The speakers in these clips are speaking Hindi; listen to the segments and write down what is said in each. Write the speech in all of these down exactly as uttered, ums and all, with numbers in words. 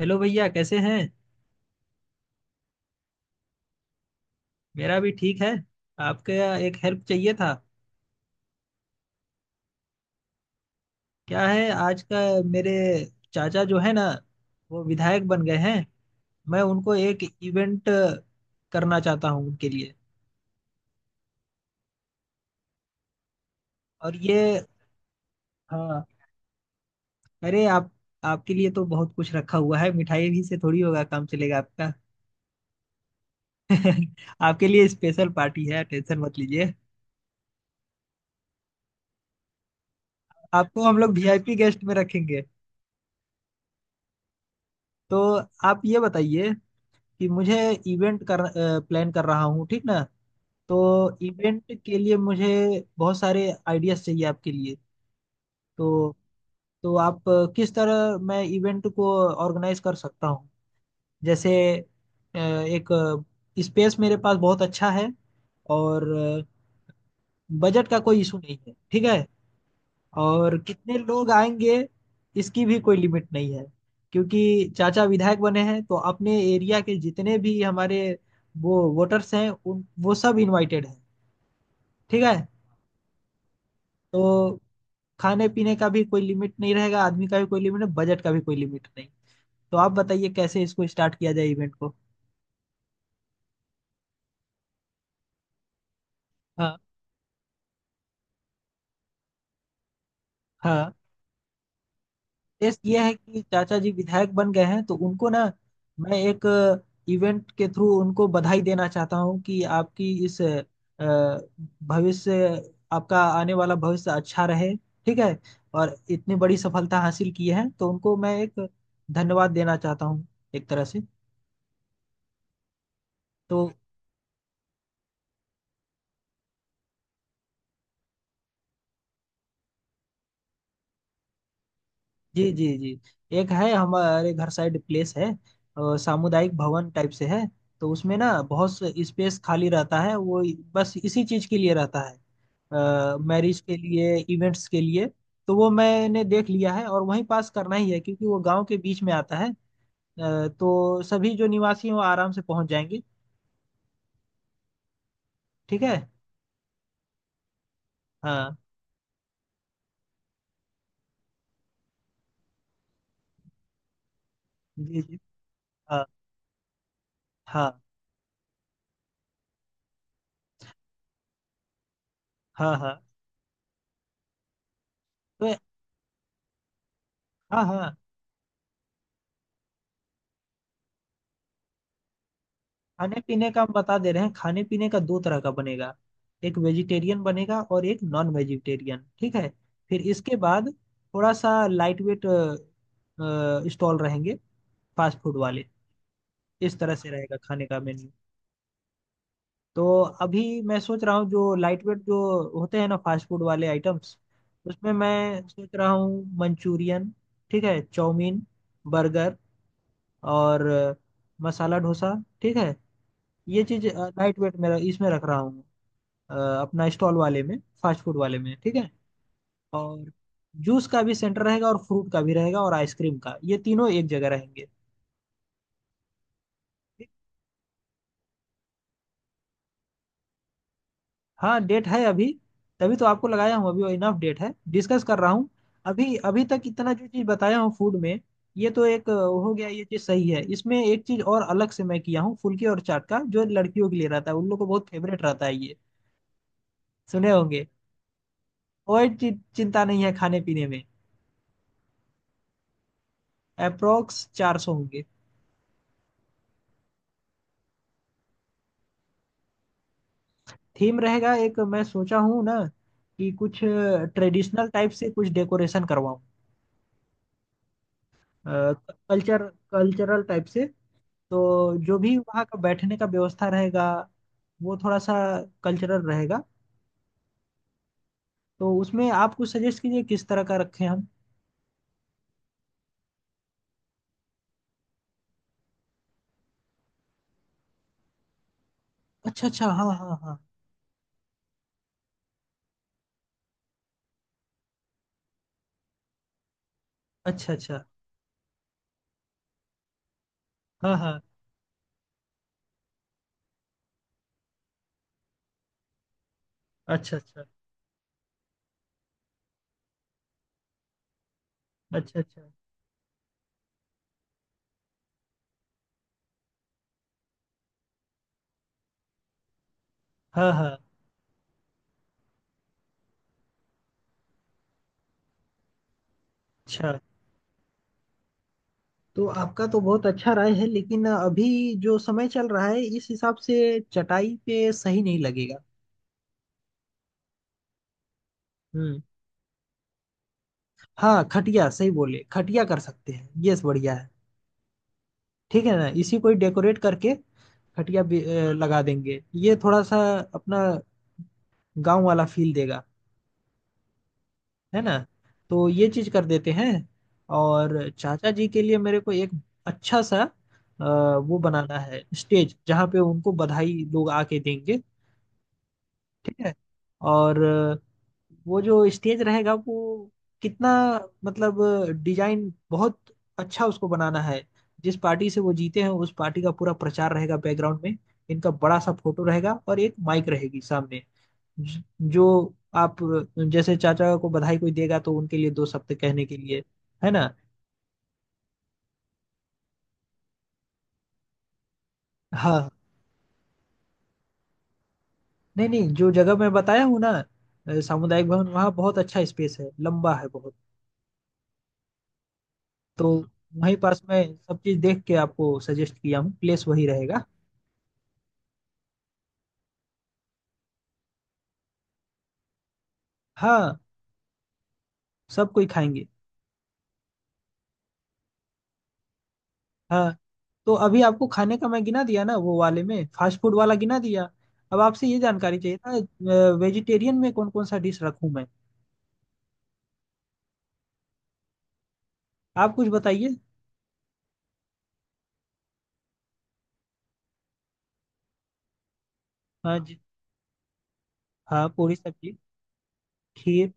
हेलो भैया, कैसे हैं। मेरा भी ठीक है। आपका? एक हेल्प चाहिए था। क्या है आज का, मेरे चाचा जो है ना, वो विधायक बन गए हैं। मैं उनको एक इवेंट करना चाहता हूँ उनके लिए। और ये हाँ, अरे आप, आपके लिए तो बहुत कुछ रखा हुआ है, मिठाई भी से थोड़ी होगा, काम चलेगा आपका। आपके लिए स्पेशल पार्टी है, टेंशन मत लीजिए। आपको हम लोग वीआईपी गेस्ट में रखेंगे। तो आप ये बताइए कि मुझे इवेंट कर प्लान कर रहा हूँ, ठीक ना। तो इवेंट के लिए मुझे बहुत सारे आइडियाज चाहिए आपके लिए। तो तो आप अ, किस तरह मैं इवेंट को ऑर्गेनाइज कर सकता हूँ। जैसे अ, एक स्पेस मेरे पास बहुत अच्छा है। और बजट का कोई इशू नहीं है, ठीक है। और कितने लोग आएंगे, इसकी भी कोई लिमिट नहीं है। क्योंकि चाचा विधायक बने हैं तो अपने एरिया के जितने भी हमारे वो वोटर्स हैं, उन वो सब इनवाइटेड हैं, ठीक है। तो खाने पीने का भी कोई लिमिट नहीं रहेगा, आदमी का भी कोई लिमिट नहीं, बजट का भी कोई लिमिट नहीं। तो आप बताइए कैसे इसको स्टार्ट किया जाए इवेंट को। हाँ हाँ। टेस्ट ये है कि चाचा जी विधायक बन गए हैं तो उनको ना, मैं एक इवेंट के थ्रू उनको बधाई देना चाहता हूँ कि आपकी इस अ, भविष्य, आपका आने वाला भविष्य अच्छा रहे, ठीक है। और इतनी बड़ी सफलता हासिल की है तो उनको मैं एक धन्यवाद देना चाहता हूँ, एक तरह से। तो जी जी जी, एक है हमारे घर साइड प्लेस है। अ, सामुदायिक भवन टाइप से है। तो उसमें ना बहुत स्पेस खाली रहता है। वो बस इसी चीज के लिए रहता है, मैरिज के लिए, इवेंट्स के लिए। तो वो मैंने देख लिया है और वहीं पास करना ही है, क्योंकि वो गांव के बीच में आता है। अ, तो सभी जो निवासी हैं वो आराम से पहुंच जाएंगे, ठीक है। हाँ जी जी। हाँ हाँ हाँ हाँ। तो हाँ हाँ। खाने पीने का हम बता दे रहे हैं, खाने पीने का दो तरह का बनेगा। एक वेजिटेरियन बनेगा और एक नॉन वेजिटेरियन, ठीक है। फिर इसके बाद थोड़ा सा लाइट वेट स्टॉल रहेंगे, फास्ट फूड वाले। इस तरह से रहेगा खाने का मेन्यू। तो अभी मैं सोच रहा हूँ जो लाइट वेट जो होते हैं ना फास्ट फूड वाले आइटम्स, उसमें मैं सोच रहा हूँ मंचूरियन, ठीक है, चाउमीन, बर्गर और अ, मसाला डोसा, ठीक है। ये चीज लाइट वेट में इसमें रख रहा हूँ, अ, अपना स्टॉल वाले में, फास्ट फूड वाले में, ठीक है। और जूस का भी सेंटर रहेगा और फ्रूट का भी रहेगा और आइसक्रीम का, ये तीनों एक जगह रहेंगे, ठीक? हाँ डेट है अभी, तभी तो आपको लगाया हूँ। अभी इनफ डेट है, डिस्कस कर रहा हूँ। अभी अभी तक इतना जो चीज़ बताया हूँ फूड में, ये तो एक अ, हो गया, ये चीज़ सही है। इसमें एक चीज़ और अलग से मैं किया हूँ फुल्की और चाट का, जो लड़कियों के लिए रहता है, उन लोग को बहुत फेवरेट रहता है ये, सुने होंगे। कोई चि- चिंता नहीं है खाने पीने में। अप्रोक्स चार सौ होंगे। थीम रहेगा एक, मैं सोचा हूँ ना कि कुछ ट्रेडिशनल टाइप से कुछ डेकोरेशन करवाऊँ, कल्चर कल्चरल टाइप से। तो जो भी वहाँ का बैठने का व्यवस्था रहेगा वो थोड़ा सा कल्चरल रहेगा। तो उसमें आप कुछ सजेस्ट कीजिए किस तरह का रखें हम। अच्छा अच्छा, हाँ हाँ हाँ हाँ। अच्छा अच्छा। हाँ हाँ। अच्छा अच्छा। अच्छा अच्छा। हाँ हाँ। अच्छा। तो आपका तो बहुत अच्छा राय है, लेकिन अभी जो समय चल रहा है इस हिसाब से चटाई पे सही नहीं लगेगा। हम्म। हाँ खटिया सही बोले, खटिया कर सकते हैं, यस, बढ़िया है। ठीक है ना, इसी को ही डेकोरेट करके खटिया भी अ, लगा देंगे। ये थोड़ा सा अपना गांव वाला फील देगा, है ना। तो ये चीज कर देते हैं। और चाचा जी के लिए मेरे को एक अच्छा सा अ, वो बनाना है, स्टेज जहाँ पे उनको बधाई लोग आके देंगे, ठीक है। और वो जो स्टेज रहेगा वो कितना, मतलब डिजाइन बहुत अच्छा उसको बनाना है। जिस पार्टी से वो जीते हैं उस पार्टी का पूरा प्रचार रहेगा बैकग्राउंड में। इनका बड़ा सा फोटो रहेगा और एक माइक रहेगी सामने। ज- जो आप, जैसे चाचा को बधाई कोई देगा तो उनके लिए दो शब्द कहने के लिए, है ना। हाँ। नहीं नहीं, जो जगह मैं बताया हूँ ना, अ, सामुदायिक भवन, वहाँ बहुत अच्छा स्पेस है, लंबा है बहुत। तो वहीं पास मैं सब चीज देख के आपको सजेस्ट किया हूँ, प्लेस वही रहेगा। हाँ, सब कोई खाएंगे। हाँ, तो अभी आपको खाने का मैं गिना दिया ना, वो वाले में फास्ट फूड वाला गिना दिया। अब आपसे ये जानकारी चाहिए था, वेजिटेरियन में कौन कौन सा डिश रखूं मैं, आप कुछ बताइए। हाँ जी, हाँ पूरी सब्जी, खीर।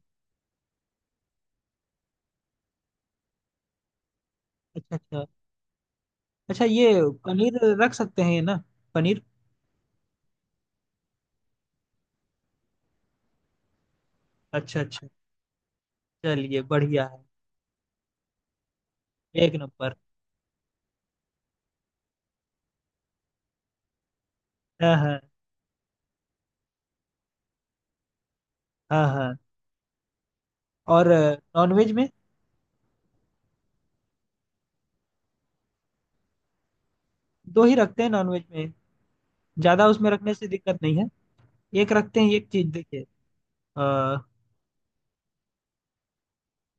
अच्छा अच्छा। अच्छा ये पनीर रख सकते हैं ना, पनीर। अच्छा अच्छा। चलिए बढ़िया है, एक नंबर। हाँ हाँ। हाँ हाँ। और नॉनवेज में दो ही रखते हैं नॉनवेज में, ज्यादा उसमें रखने से दिक्कत नहीं है। एक रखते हैं, एक चीज देखिए,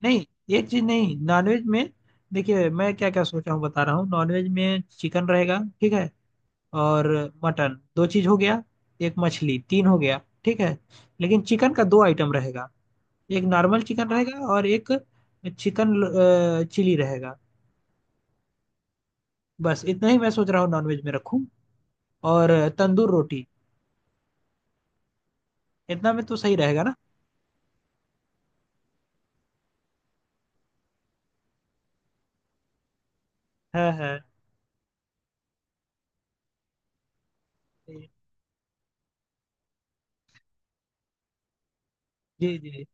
नहीं एक चीज नहीं नॉनवेज में। देखिए मैं क्या क्या सोचा हूँ बता रहा हूँ, नॉनवेज में चिकन रहेगा ठीक है और मटन, दो चीज हो गया, एक मछली, तीन हो गया, ठीक है। लेकिन चिकन का दो आइटम रहेगा, एक नॉर्मल चिकन रहेगा और एक चिकन अ, चिली रहेगा। बस इतना ही मैं सोच रहा हूँ नॉनवेज में रखूँ। और तंदूर रोटी, इतना में तो सही रहेगा ना। है है। जी जी।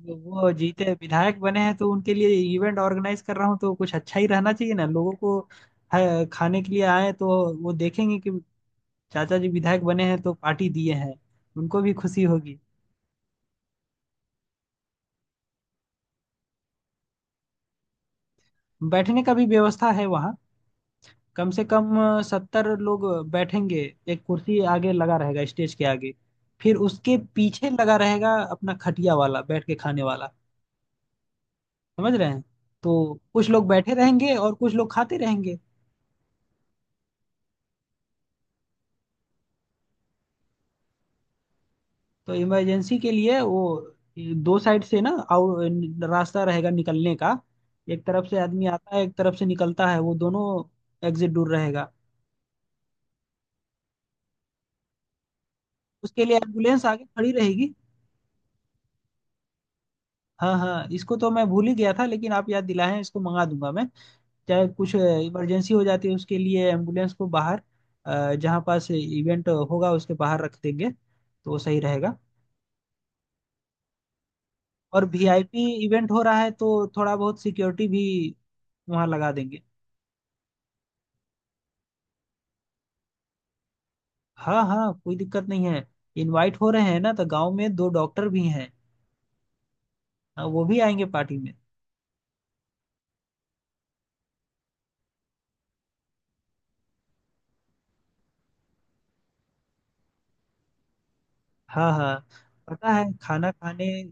वो वो जीते विधायक बने हैं तो उनके लिए इवेंट ऑर्गेनाइज कर रहा हूँ, तो कुछ अच्छा ही रहना चाहिए ना, लोगों को अ, खाने के लिए आए तो वो देखेंगे कि चाचा जी विधायक बने हैं तो पार्टी दिए हैं, उनको भी खुशी होगी। बैठने का भी व्यवस्था है वहाँ, कम से कम सत्तर लोग बैठेंगे। एक कुर्सी आगे लगा रहेगा स्टेज के आगे, फिर उसके पीछे लगा रहेगा अपना खटिया वाला बैठ के खाने वाला, समझ रहे हैं। तो कुछ लोग बैठे रहेंगे और कुछ लोग खाते रहेंगे। तो इमरजेंसी के लिए वो ये दो साइड से ना आउ रास्ता रहेगा निकलने का। एक तरफ से आदमी आता है, एक तरफ से निकलता है, वो दोनों एग्जिट दूर रहेगा। उसके लिए एम्बुलेंस आगे खड़ी रहेगी। हाँ हाँ, इसको तो मैं भूल ही गया था, लेकिन आप याद दिलाएं, इसको मंगा दूंगा मैं। चाहे कुछ इमरजेंसी हो जाती है, उसके लिए एम्बुलेंस को बाहर, अ, जहाँ पास इवेंट होगा उसके बाहर रख देंगे तो वो सही रहेगा। और वीआईपी इवेंट हो रहा है तो थोड़ा बहुत सिक्योरिटी भी वहाँ लगा देंगे। हाँ हाँ कोई दिक्कत नहीं है, इनवाइट हो रहे हैं ना तो गांव में दो डॉक्टर भी हैं। हाँ, वो भी आएंगे पार्टी में। हाँ हाँ। पता है खाना खाने, अ,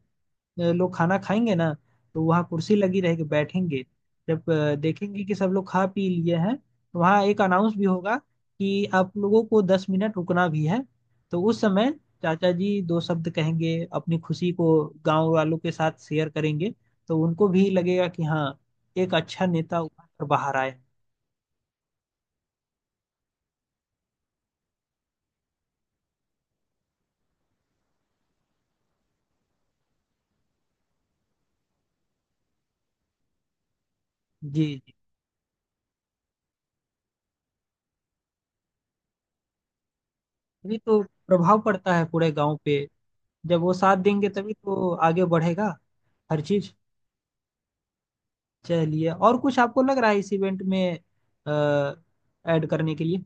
लोग खाना खाएंगे ना तो वहाँ कुर्सी लगी रहेगी, बैठेंगे। जब अ, देखेंगे कि सब लोग खा पी लिए हैं, तो वहाँ एक अनाउंस भी होगा कि आप लोगों को दस मिनट रुकना भी है। तो उस समय चाचा जी दो शब्द कहेंगे, अपनी खुशी को गांव वालों के साथ शेयर करेंगे। तो उनको भी लगेगा कि हाँ, एक अच्छा नेता उभर कर बाहर आए। जी। तभी तो प्रभाव पड़ता है पूरे गांव पे, जब वो साथ देंगे तभी तो आगे बढ़ेगा हर चीज। चलिए, और कुछ आपको लग रहा है इस इवेंट में ऐड करने के लिए।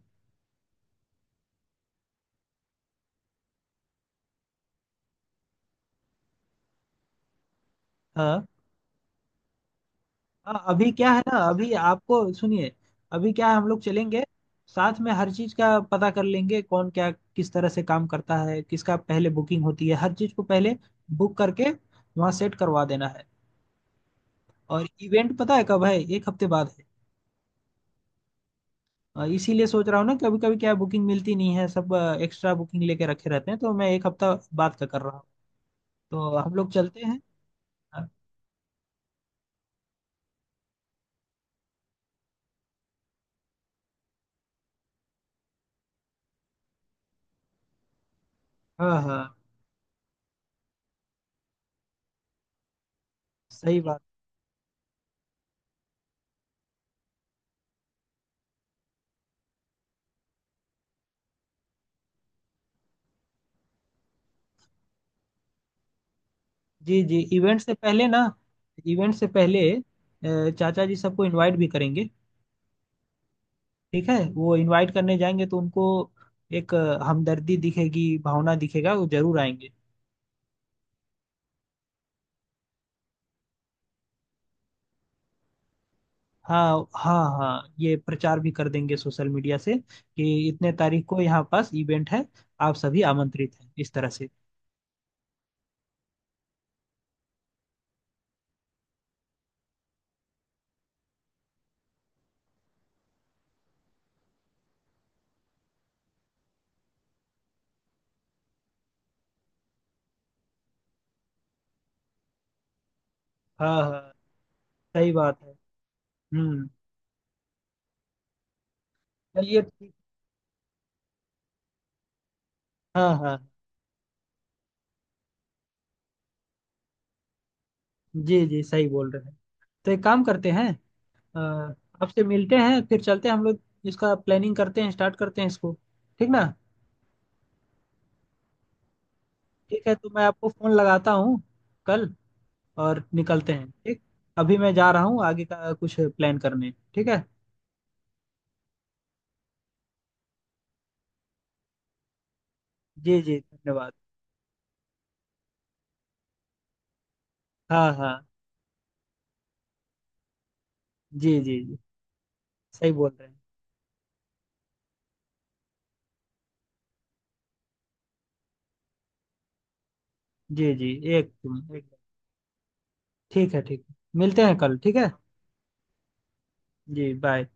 हाँ हाँ, अभी क्या है ना, अभी आपको सुनिए। अभी क्या है, हम लोग चलेंगे साथ में, हर चीज का पता कर लेंगे, कौन क्या किस तरह से काम करता है, किसका पहले बुकिंग होती है, हर चीज को पहले बुक करके वहाँ सेट करवा देना है। और इवेंट पता है कब है, एक हफ्ते बाद। अ, इसीलिए सोच रहा हूँ ना, कभी कभी क्या बुकिंग मिलती नहीं है, सब एक्स्ट्रा बुकिंग लेके रखे रहते हैं, तो मैं एक हफ्ता बाद का कर रहा हूँ। तो हम लोग चलते हैं। हाँ हाँ सही बात। जी जी, इवेंट से पहले ना, इवेंट से पहले अ, चाचा जी सबको इनवाइट भी करेंगे, ठीक है। वो इनवाइट करने जाएंगे तो उनको एक अ, हमदर्दी दिखेगी, भावना दिखेगा, वो जरूर आएंगे। हाँ हाँ हाँ, ये प्रचार भी कर देंगे सोशल मीडिया से कि इतने तारीख को यहाँ पास इवेंट है, आप सभी आमंत्रित हैं, इस तरह से। हाँ हाँ सही बात है। हम्म। चलिए ठीक। हाँ हाँ। जी जी सही बोल रहे हैं। तो एक काम करते हैं, अ, आपसे मिलते हैं, फिर चलते हैं हम लोग, इसका प्लानिंग करते हैं, स्टार्ट करते हैं इसको, ठीक ना। ठीक है, तो मैं आपको फोन लगाता हूँ कल, और निकलते हैं, ठीक। अभी मैं जा रहा हूँ आगे का कुछ प्लान करने, ठीक है। जी जी धन्यवाद। हाँ हाँ। जी जी जी, सही बोल रहे हैं। जी जी, एक एकदम एकदम। ठीक है ठीक है, मिलते हैं कल, ठीक है। जी बाय।